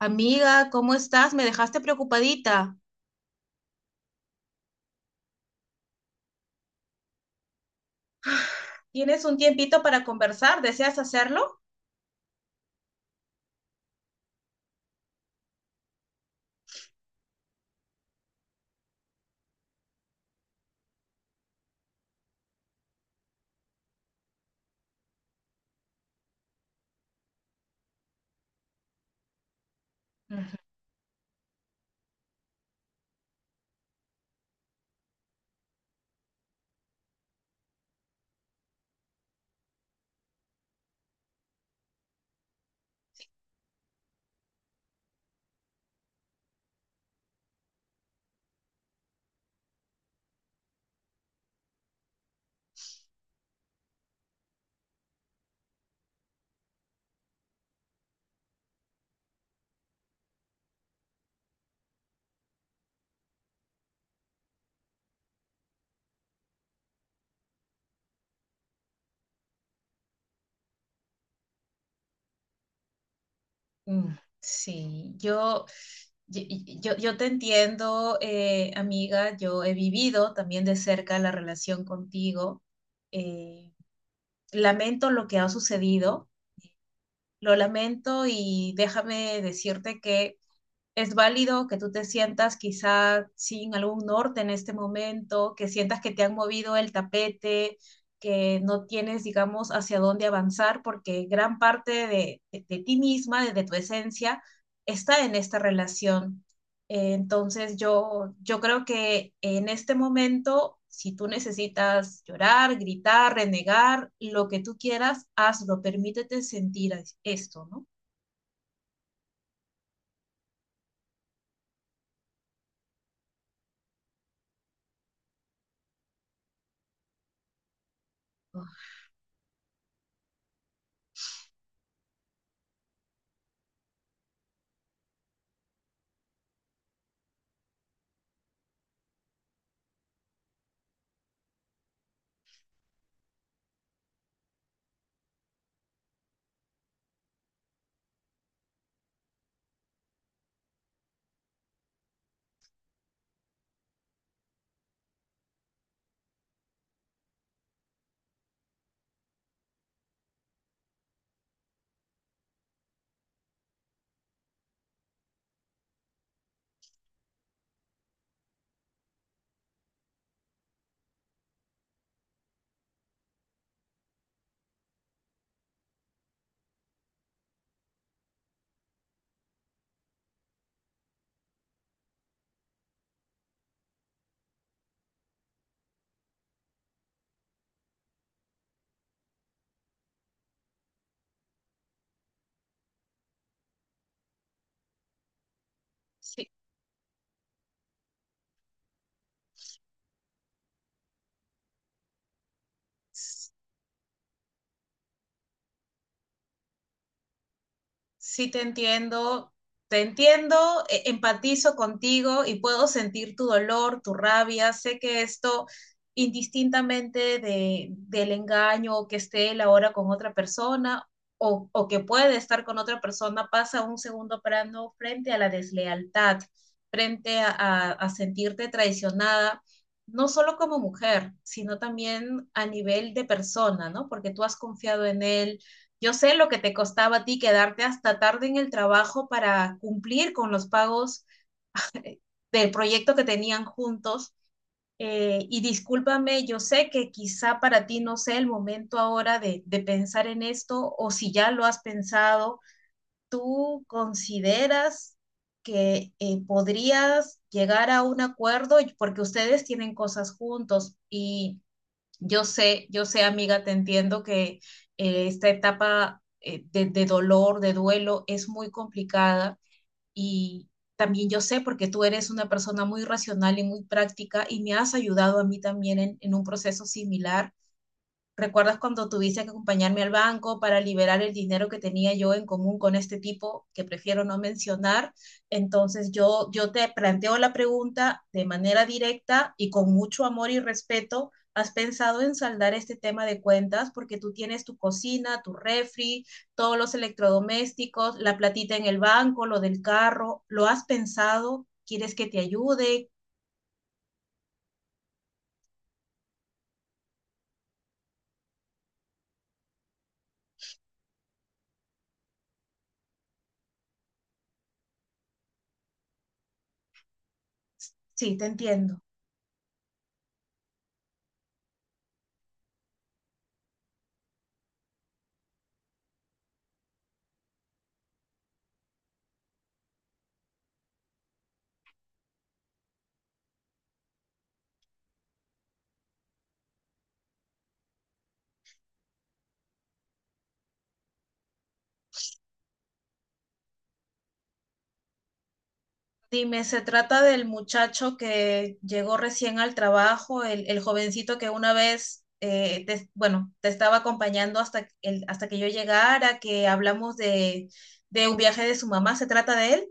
Amiga, ¿cómo estás? Me dejaste preocupadita. ¿Tienes un tiempito para conversar? ¿Deseas hacerlo? Ujú. Mm, sí, yo, yo te entiendo, amiga. Yo he vivido también de cerca la relación contigo. Eh, Lamento lo que ha sucedido, lo lamento, y déjame decirte que es válido que tú te sientas quizá sin algún norte en este momento, que sientas que te han movido el tapete, que no tienes, digamos, hacia dónde avanzar, porque gran parte de ti misma, de tu esencia, está en esta relación. Entonces yo creo que en este momento, si tú necesitas llorar, gritar, renegar, lo que tú quieras, hazlo. Permítete sentir esto, ¿no? Sí, Sí, te entiendo, empatizo contigo y puedo sentir tu dolor, tu rabia. Sé que esto, indistintamente de, del engaño, o que esté él ahora con otra persona, o que puede estar con otra persona, pasa a un segundo plano frente a la deslealtad, frente a a sentirte traicionada, no solo como mujer, sino también a nivel de persona, ¿no? Porque tú has confiado en él. Yo sé lo que te costaba a ti quedarte hasta tarde en el trabajo para cumplir con los pagos del proyecto que tenían juntos. Y discúlpame, yo sé que quizá para ti no sea el momento ahora de pensar en esto, o si ya lo has pensado, ¿tú consideras que podrías llegar a un acuerdo porque ustedes tienen cosas juntos? Y yo sé, amiga, te entiendo que esta etapa, de dolor, de duelo, es muy complicada. Y también yo sé, porque tú eres una persona muy racional y muy práctica, y me has ayudado a mí también en un proceso similar. ¿Recuerdas cuando tuviste que acompañarme al banco para liberar el dinero que tenía yo en común con este tipo que prefiero no mencionar? Entonces yo te planteo la pregunta de manera directa y con mucho amor y respeto. ¿Has pensado en saldar este tema de cuentas? Porque tú tienes tu cocina, tu refri, todos los electrodomésticos, la platita en el banco, lo del carro. ¿Lo has pensado? ¿Quieres que te ayude? Sí, te entiendo. Dime, ¿se trata del muchacho que llegó recién al trabajo, el jovencito que una vez, bueno, te estaba acompañando hasta, el, hasta que yo llegara, que hablamos de un viaje de su mamá? ¿Se trata de él?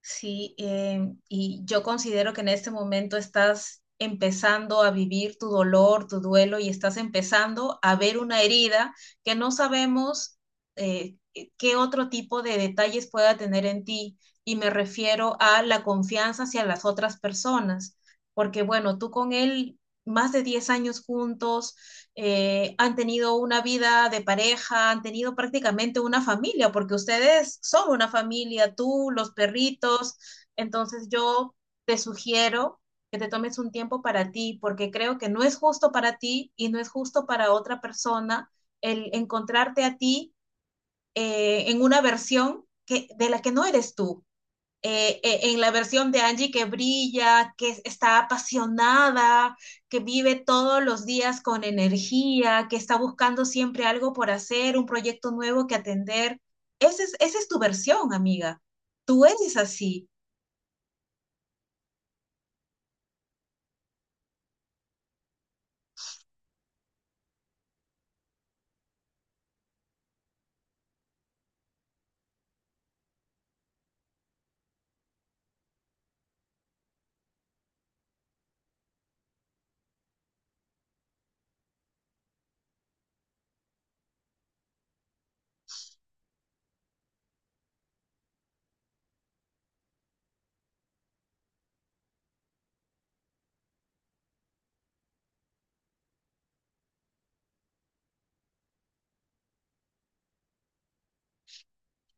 Sí, y yo considero que en este momento estás empezando a vivir tu dolor, tu duelo, y estás empezando a ver una herida que no sabemos qué otro tipo de detalles pueda tener en ti. Y me refiero a la confianza hacia las otras personas, porque bueno, tú con él más de 10 años juntos, han tenido una vida de pareja, han tenido prácticamente una familia, porque ustedes son una familia, tú, los perritos. Entonces yo te sugiero que te tomes un tiempo para ti, porque creo que no es justo para ti y no es justo para otra persona el encontrarte a ti en una versión que, de la que no eres tú, en la versión de Angie que brilla, que está apasionada, que vive todos los días con energía, que está buscando siempre algo por hacer, un proyecto nuevo que atender. Ese es, esa es tu versión, amiga. Tú eres así.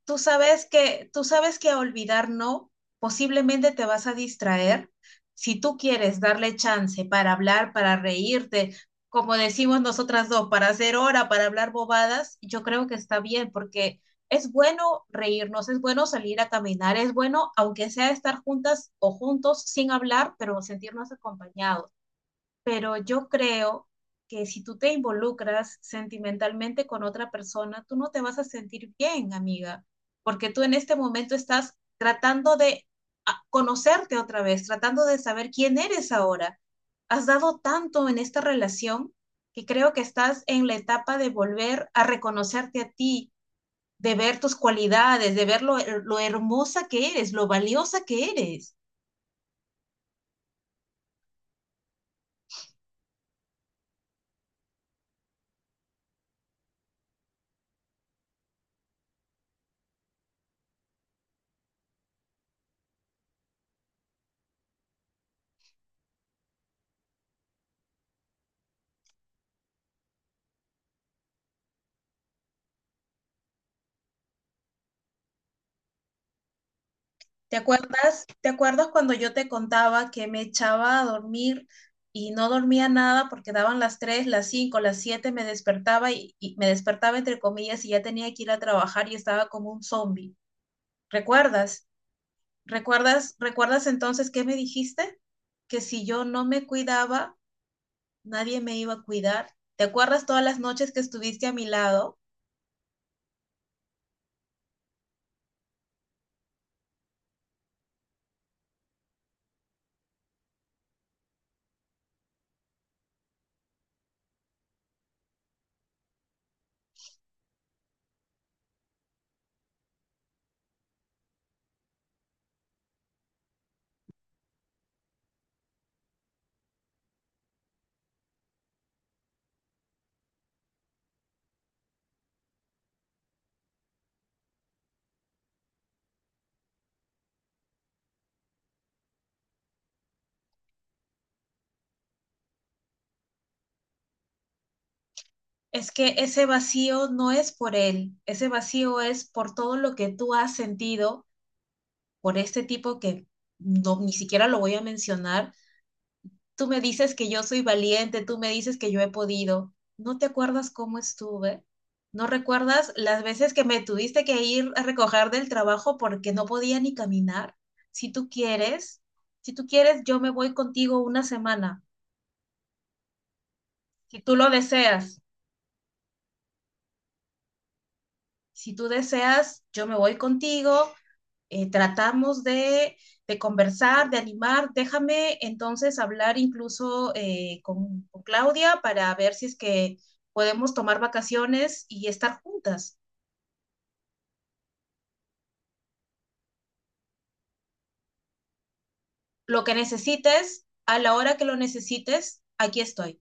Tú sabes que, tú sabes que a olvidar no, posiblemente te vas a distraer. Si tú quieres darle chance para hablar, para reírte, como decimos nosotras dos, para hacer hora, para hablar bobadas, yo creo que está bien, porque es bueno reírnos, es bueno salir a caminar, es bueno, aunque sea estar juntas o juntos sin hablar, pero sentirnos acompañados. Pero yo creo que si tú te involucras sentimentalmente con otra persona, tú no te vas a sentir bien, amiga, porque tú en este momento estás tratando de conocerte otra vez, tratando de saber quién eres ahora. Has dado tanto en esta relación que creo que estás en la etapa de volver a reconocerte a ti, de ver tus cualidades, de ver lo hermosa que eres, lo valiosa que eres. Te acuerdas cuando yo te contaba que me echaba a dormir y no dormía nada porque daban las 3, las 5, las 7 me despertaba y me despertaba entre comillas, y ya tenía que ir a trabajar y estaba como un zombie? ¿Recuerdas? ¿Recuerdas, recuerdas entonces qué me dijiste? Que si yo no me cuidaba, nadie me iba a cuidar. ¿Te acuerdas todas las noches que estuviste a mi lado? Es que ese vacío no es por él, ese vacío es por todo lo que tú has sentido por este tipo que no, ni siquiera lo voy a mencionar. Tú me dices que yo soy valiente, tú me dices que yo he podido. ¿No te acuerdas cómo estuve? ¿No recuerdas las veces que me tuviste que ir a recoger del trabajo porque no podía ni caminar? Si tú quieres, si tú quieres, yo me voy contigo una semana. Si tú lo deseas, si tú deseas, yo me voy contigo. Tratamos de conversar, de animar. Déjame entonces hablar, incluso con Claudia, para ver si es que podemos tomar vacaciones y estar juntas. Lo que necesites, a la hora que lo necesites, aquí estoy.